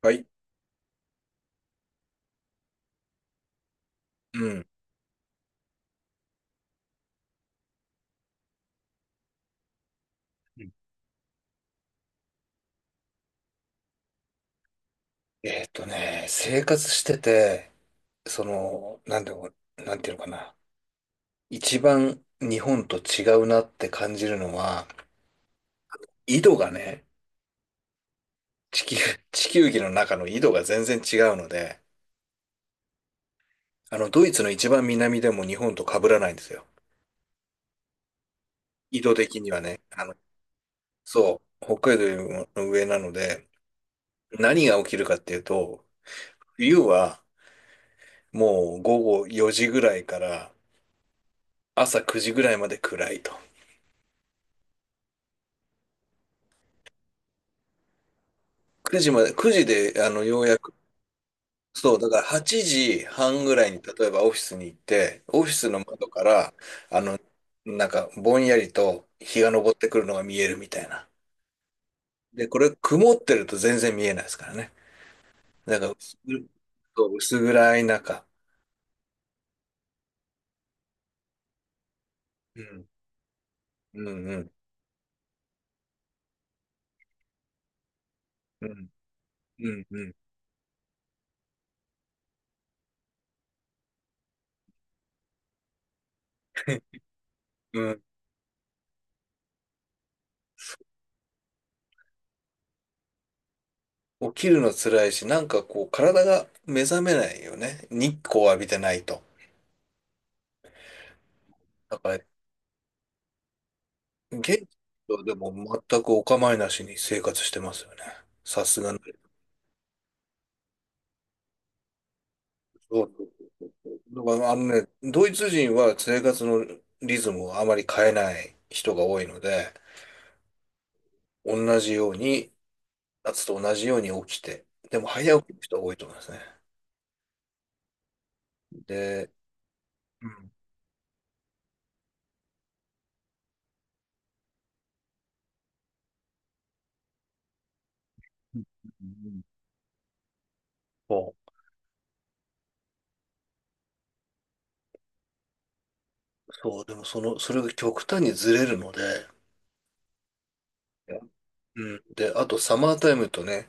はい。うん。うん生活してて、その、なんでも、なんていうのかな。一番日本と違うなって感じるのは、緯度がね、地球、地球儀の中の緯度が全然違うので、ドイツの一番南でも日本と被らないんですよ。緯度的にはね、そう、北海道よりも上なので、何が起きるかっていうと、冬はもう午後4時ぐらいから朝9時ぐらいまで暗いと。9時まで、9時で、ようやく、そう、だから8時半ぐらいに、例えばオフィスに行って、オフィスの窓から、あの、ぼんやりと日が昇ってくるのが見えるみたいな。で、これ、曇ってると全然見えないですからね。だから、薄暗い中。うん、うん、うん、うん、うん、うん。うん。起きるの辛いし、なんかこう、体が目覚めないよね。日光浴びてないと。だから、現地はでも全くお構いなしに生活してますよね。さすがに。そう、そう、だからあのね、ドイツ人は生活のリズムをあまり変えない人が多いので、同じように、夏と同じように起きて、でも早起きの人が多いと思いますね。で、うん。うん、うん、そう、そうでもその、それが極端にずれるので、いや、うん。で、あとサマータイムとね、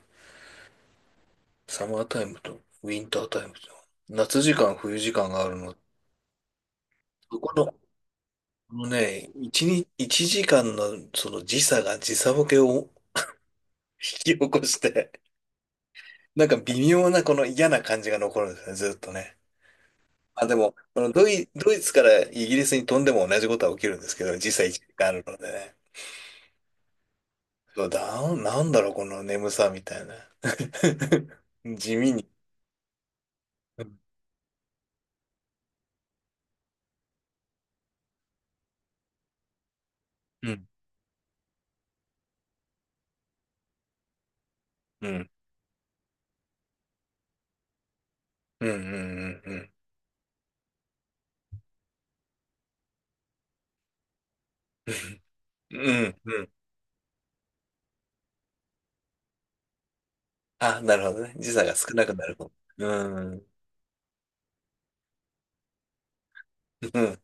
サマータイムとウィンタータイムと、夏時間、冬時間があるの。そこのあのね、一日、一時間のその時差が時差ボケを引き起こして、なんか微妙なこの嫌な感じが残るんですね、ずっとね。まあ、でも、このドイツからイギリスに飛んでも同じことは起きるんですけど、時差一時間あるのでね。そうだ、なんだろう、この眠さみたいな。地味に。うん。うん。うん。うん。うん。うん。うん。うん。あ、なるほどね。時差が少なくなるかも。うん。うん。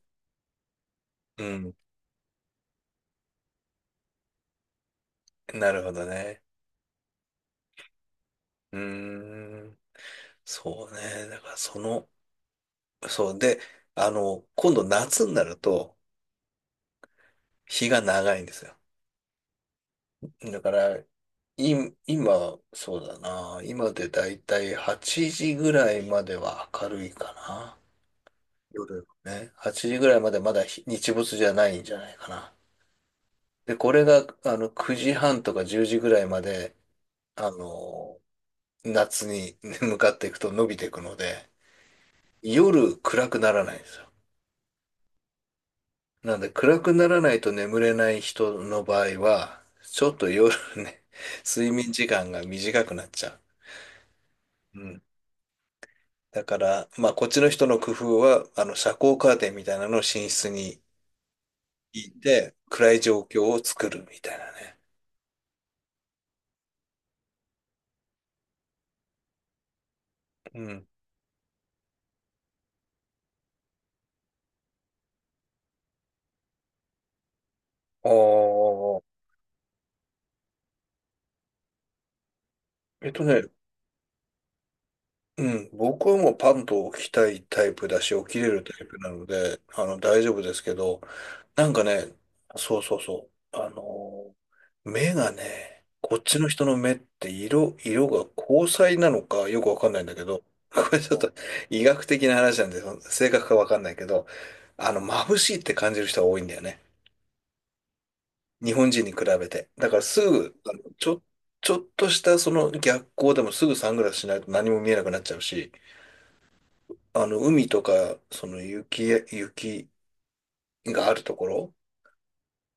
うん。なるほどね。うーん。そうね。だからその、そう。で、あの、今度夏になると日が長いんですよ。だから、い、今、そうだな。今でだいたい8時ぐらいまでは明るいかな。夜のね。8時ぐらいまでまだ日日没じゃないんじゃないかな。で、これが、9時半とか10時ぐらいまで、あの、夏に 向かっていくと伸びていくので、夜暗くならないんですよ。なんで暗くならないと眠れない人の場合は、ちょっと夜ね、睡眠時間が短くなっちゃう。うん。だから、まあこっちの人の工夫は、あの遮光カーテンみたいなのを寝室に引いて、暗い状況を作るみたいなね。うん。ああ、えっとね、うん、僕はもうパンと起きたいタイプだし、起きれるタイプなので、大丈夫ですけど、なんかね、そうそうそう、あのー、目がね、こっちの人の目って色、色が虹彩なのかよくわかんないんだけど、これちょっと医学的な話なんで、正確かわかんないけど、眩しいって感じる人が多いんだよね。日本人に比べて。だからすぐ、ちょっとしたその逆光でもすぐサングラスしないと何も見えなくなっちゃうし、海とか、その雪、雪があるところ、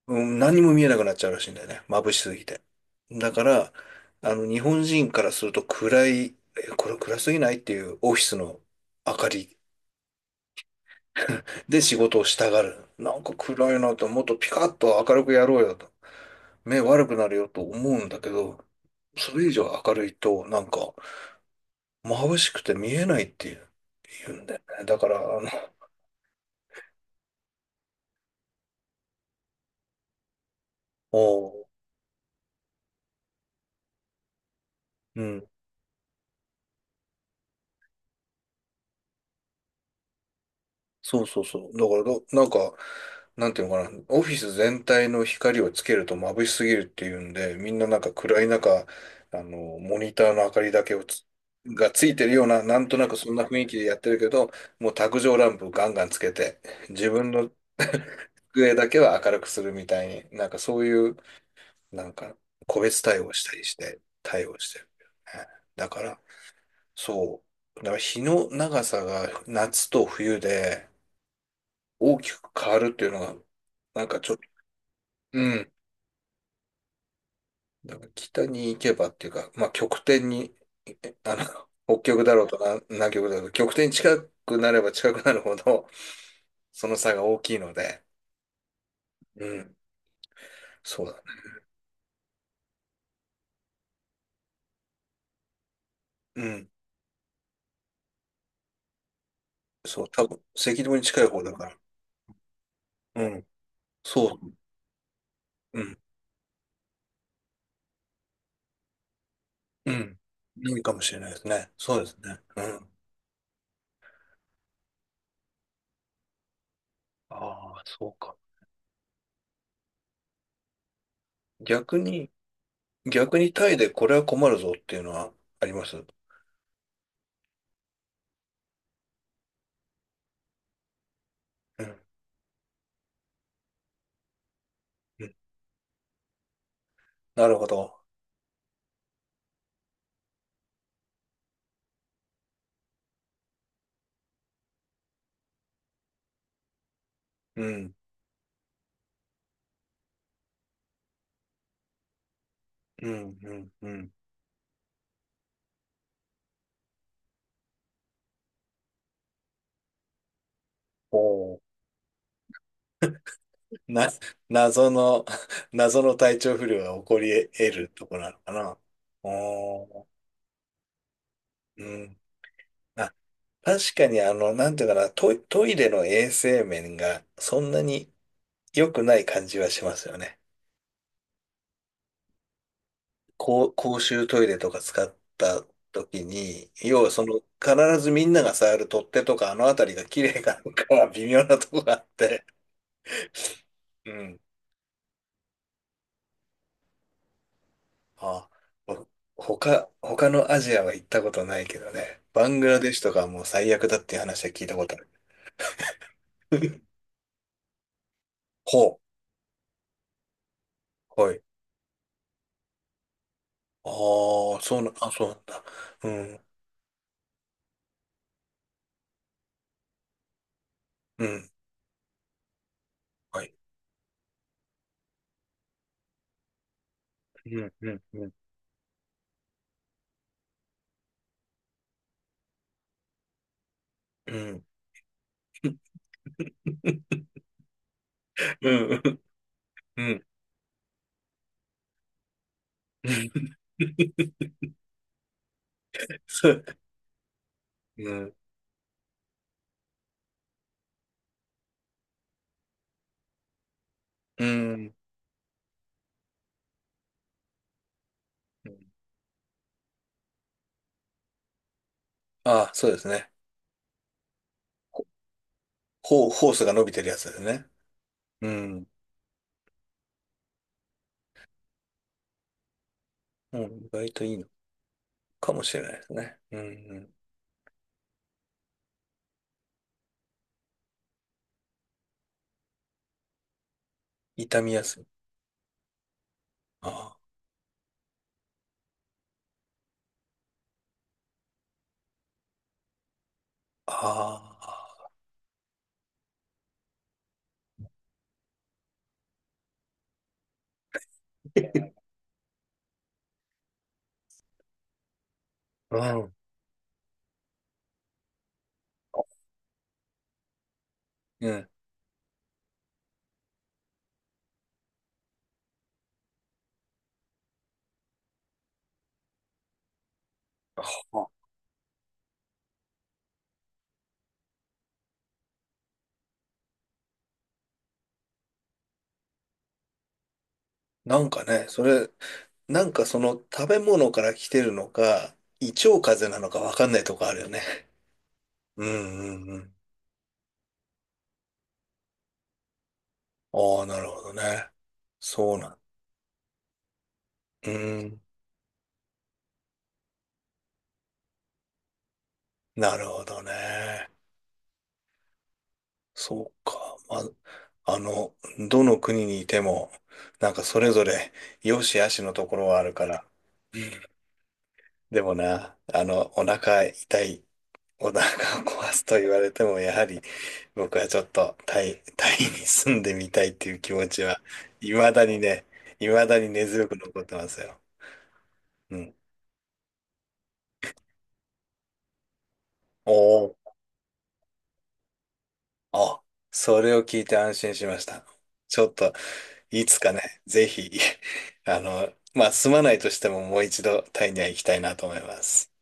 うん、何も見えなくなっちゃうらしいんだよね。眩しすぎて。だから、日本人からすると暗い、え、これ暗すぎないっていうオフィスの明かりで仕事をしたがる。なんか暗いなと、もっとピカッと明るくやろうよと。目悪くなるよと思うんだけど、それ以上明るいと、なんか眩しくて見えないっていう、言うんだよね。だから、あの、おう、うん。そうそうそう。だからど、なんか、なんていうのかな、オフィス全体の光をつけると眩しすぎるっていうんで、みんななんか暗い中、モニターの明かりだけをがついてるような、なんとなくそんな雰囲気でやってるけど、もう卓上ランプガンガンつけて、自分の 机だけは明るくするみたいに、なんかそういう、なんか、個別対応したりして、対応してる。だから、そう。だから日の長さが夏と冬で、大きく変わるっていうのは、なんかちょっと、うん。だから北に行けばっていうか、まあ極点に、あの、北極だろうとな南極だろうと、極点に近くなれば近くなるほど、その差が大きいので、うん。そうだね。うん。そう、多分、赤道に近い方だから。うん。そう。うん。うん。いいかもしれないですね。そうですね。うん。ああ、そうか。逆に、逆にタイでこれは困るぞっていうのはあります。うん。うん。なるほど。うん。うん、うん、うん、おお。な、謎の、謎の体調不良が起こり得るとこなのかな。おお。うん。あ、確かにあの、なんていうかな、トイ、トイレの衛生面がそんなに良くない感じはしますよね。公、公衆トイレとか使った時に、要はその、必ずみんなが触る取っ手とかあのあたりが綺麗かどうかは微妙なとこがあって、うん。あ、他のアジアは行ったことないけどね。バングラデシュとかはもう最悪だっていう話は聞いたことある。ほう。はい。ああ、そうな、あ、そうなんだ。うん。うん。はい。うん。うん。うん。うん。うん。うん。うん。そう。うん。うん。ああ、そうですね。ほほう、ホースが伸びてるやつですね。うん。うん、意外といいのかもしれないですね。うん。うん。痛みやすい。ああ。ああ。うん。うん。あ、なんかね、それ、なんかその食べ物から来てるのか、胃腸風邪なのかわかんないとこあるよね。うん、うん、うん。ああ、なるほどね。そうなん。うん。なるほどね。そうか。まあ、どの国にいても、なんかそれぞれ良し悪しのところはあるから。でもな、お腹痛い、お腹を壊すと言われても、やはり僕はちょっとタイに住んでみたいっていう気持ちは、いまだにね、いまだに根強く残ってますよ。うん。おお、あ、それを聞いて安心しました。ちょっと、いつかね、ぜひ、まあ、住まないとしてももう一度タイには行きたいなと思います。